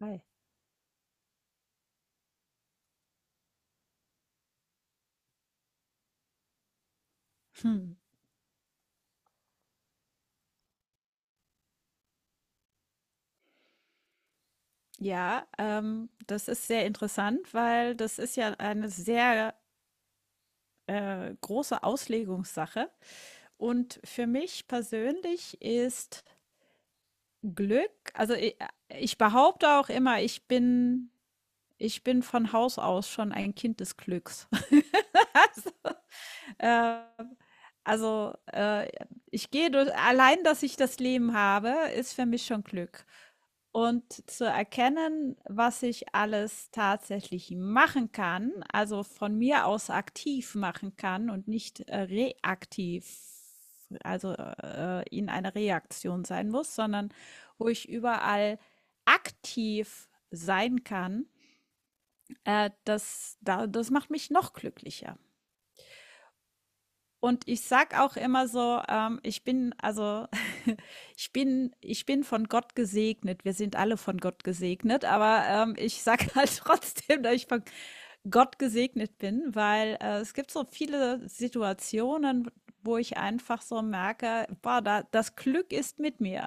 Hi. Hm. Ja, das ist sehr interessant, weil das ist ja eine sehr große Auslegungssache. Und für mich persönlich ist Glück, also ich behaupte auch immer, ich bin von Haus aus schon ein Kind des Glücks. Ähm, also, ich gehe durch allein, dass ich das Leben habe, ist für mich schon Glück. Und zu erkennen, was ich alles tatsächlich machen kann, also von mir aus aktiv machen kann und nicht reaktiv, also in einer Reaktion sein muss, sondern wo ich überall aktiv sein kann, das macht mich noch glücklicher. Und ich sag auch immer so, ich bin, also ich bin von Gott gesegnet. Wir sind alle von Gott gesegnet, aber ich sag halt trotzdem, dass ich von Gott gesegnet bin, weil es gibt so viele Situationen, wo ich einfach so merke, boah, das Glück ist mit mir.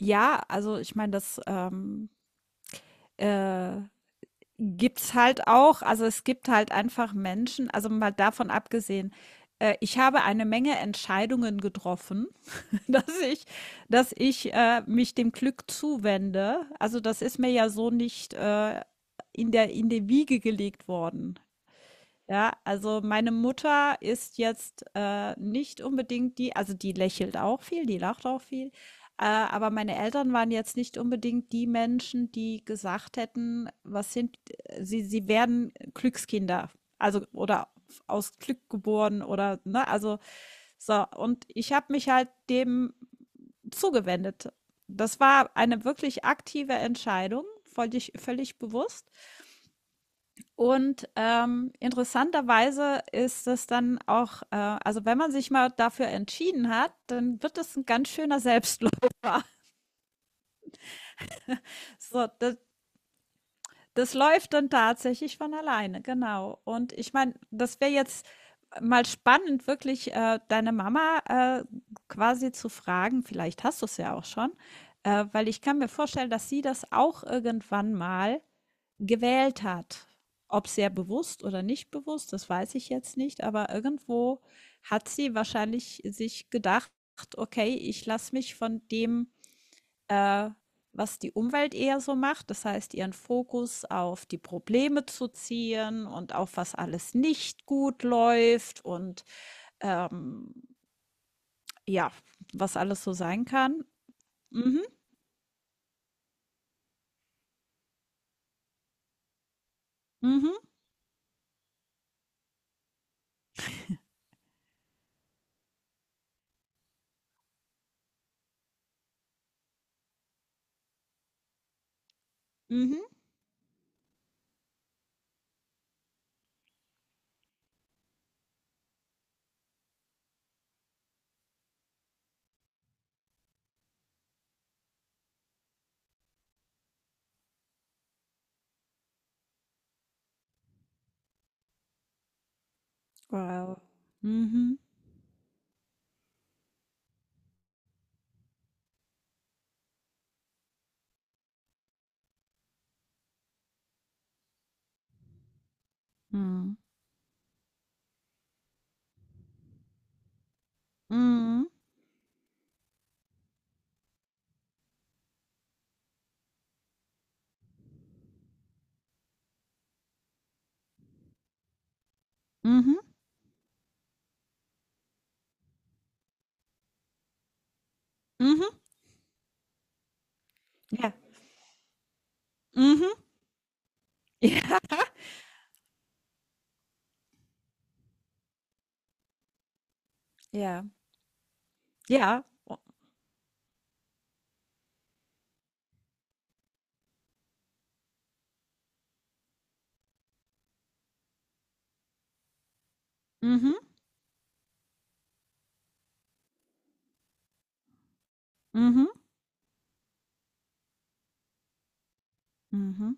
Ja, also ich meine, das äh, Gibt's halt auch. Also, es gibt halt einfach Menschen, also, mal davon abgesehen, ich habe eine Menge Entscheidungen getroffen, dass ich dass ich mich dem Glück zuwende. Also, das ist mir ja so nicht, in der in die Wiege gelegt worden. Ja, also meine Mutter ist jetzt, nicht unbedingt die, also die lächelt auch viel, die lacht auch viel, aber meine Eltern waren jetzt nicht unbedingt die Menschen, die gesagt hätten, was sind sie werden Glückskinder, also oder aus Glück geboren, oder, ne? Also, so, und ich habe mich halt dem zugewendet. Das war eine wirklich aktive Entscheidung, völlig bewusst. Und interessanterweise ist es dann auch, also wenn man sich mal dafür entschieden hat, dann wird es ein ganz schöner Selbstläufer. So, das läuft dann tatsächlich von alleine, genau. Und ich meine, das wäre jetzt mal spannend, wirklich deine Mama quasi zu fragen, vielleicht hast du es ja auch schon, weil ich kann mir vorstellen, dass sie das auch irgendwann mal gewählt hat. Ob sehr bewusst oder nicht bewusst, das weiß ich jetzt nicht, aber irgendwo hat sie wahrscheinlich sich gedacht, okay, ich lasse mich von dem, äh, was die Umwelt eher so macht, das heißt ihren Fokus auf die Probleme zu ziehen und auf was alles nicht gut läuft und ähm, ja, was alles so sein kann. Mhm, mhm, mhm. Wow. Mhm. Mhm. Mhm. Mhm. Mhm. Ja. Mhm. Ja. Ja. Ja. O mhm, mhm, mhm.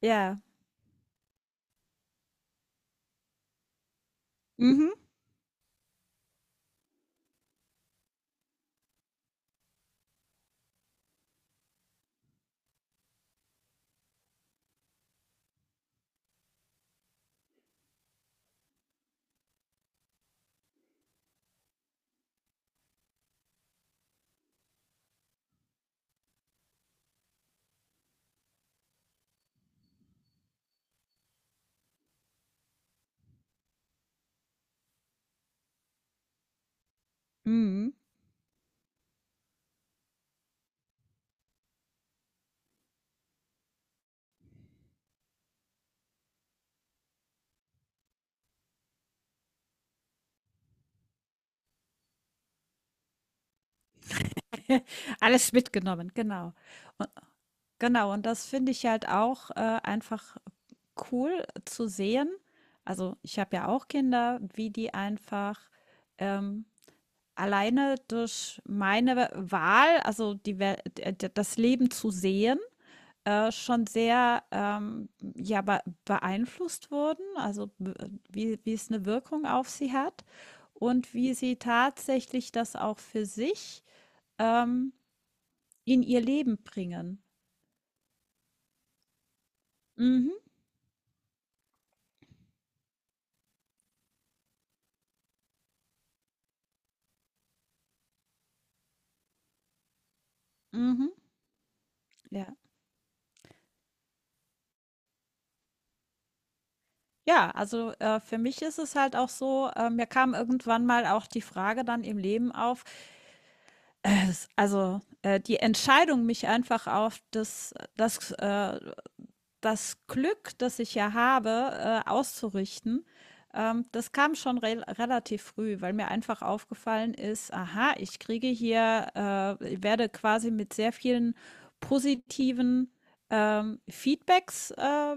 Ja. Mhm, mhm. Alles mitgenommen, genau. Genau, und das finde ich halt auch, einfach cool zu sehen. Also, ich habe ja auch Kinder, wie die einfach, ähm, alleine durch meine Wahl, also die Wel d d das Leben zu sehen, schon sehr ja, be beeinflusst wurden, wie, wie es eine Wirkung auf sie hat und wie sie tatsächlich das auch für sich ähm, in ihr Leben bringen. Mhm, mhm, ja. Ja, also für mich ist es halt auch so, mir kam irgendwann mal auch die Frage dann im Leben auf, die Entscheidung, mich einfach auf das das Glück, das ich ja habe, auszurichten, das kam schon relativ früh, weil mir einfach aufgefallen ist, aha, ich kriege hier, ich werde quasi mit sehr vielen positiven Feedbacks äh,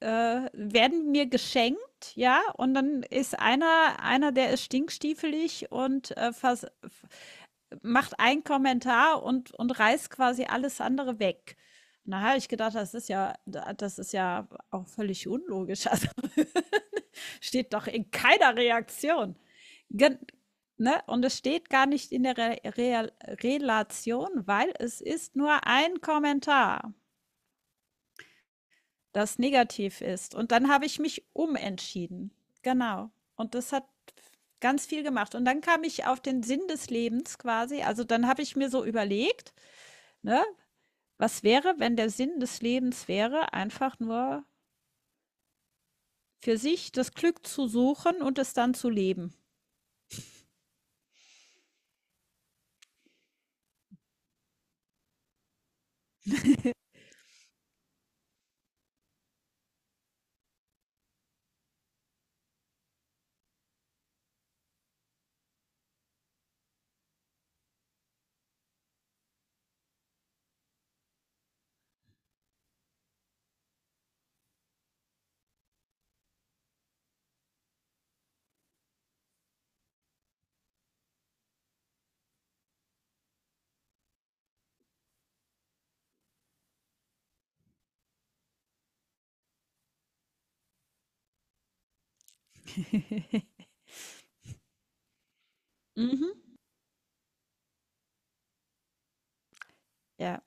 äh, werden mir geschenkt, ja, und dann ist einer, der ist stinkstiefelig und macht einen Kommentar und, reißt quasi alles andere weg. Na, habe ich gedacht, das ist ja auch völlig unlogisch. Also steht doch in keiner Reaktion. Gen Ne? Und es steht gar nicht in der Re Re Relation, weil es ist nur ein Kommentar, das negativ ist. Und dann habe ich mich umentschieden. Genau. Und das hat ganz viel gemacht. Und dann kam ich auf den Sinn des Lebens quasi. Also dann habe ich mir so überlegt, ne, was wäre, wenn der Sinn des Lebens wäre, einfach nur für sich das Glück zu suchen und es dann zu leben? Mhm, ja,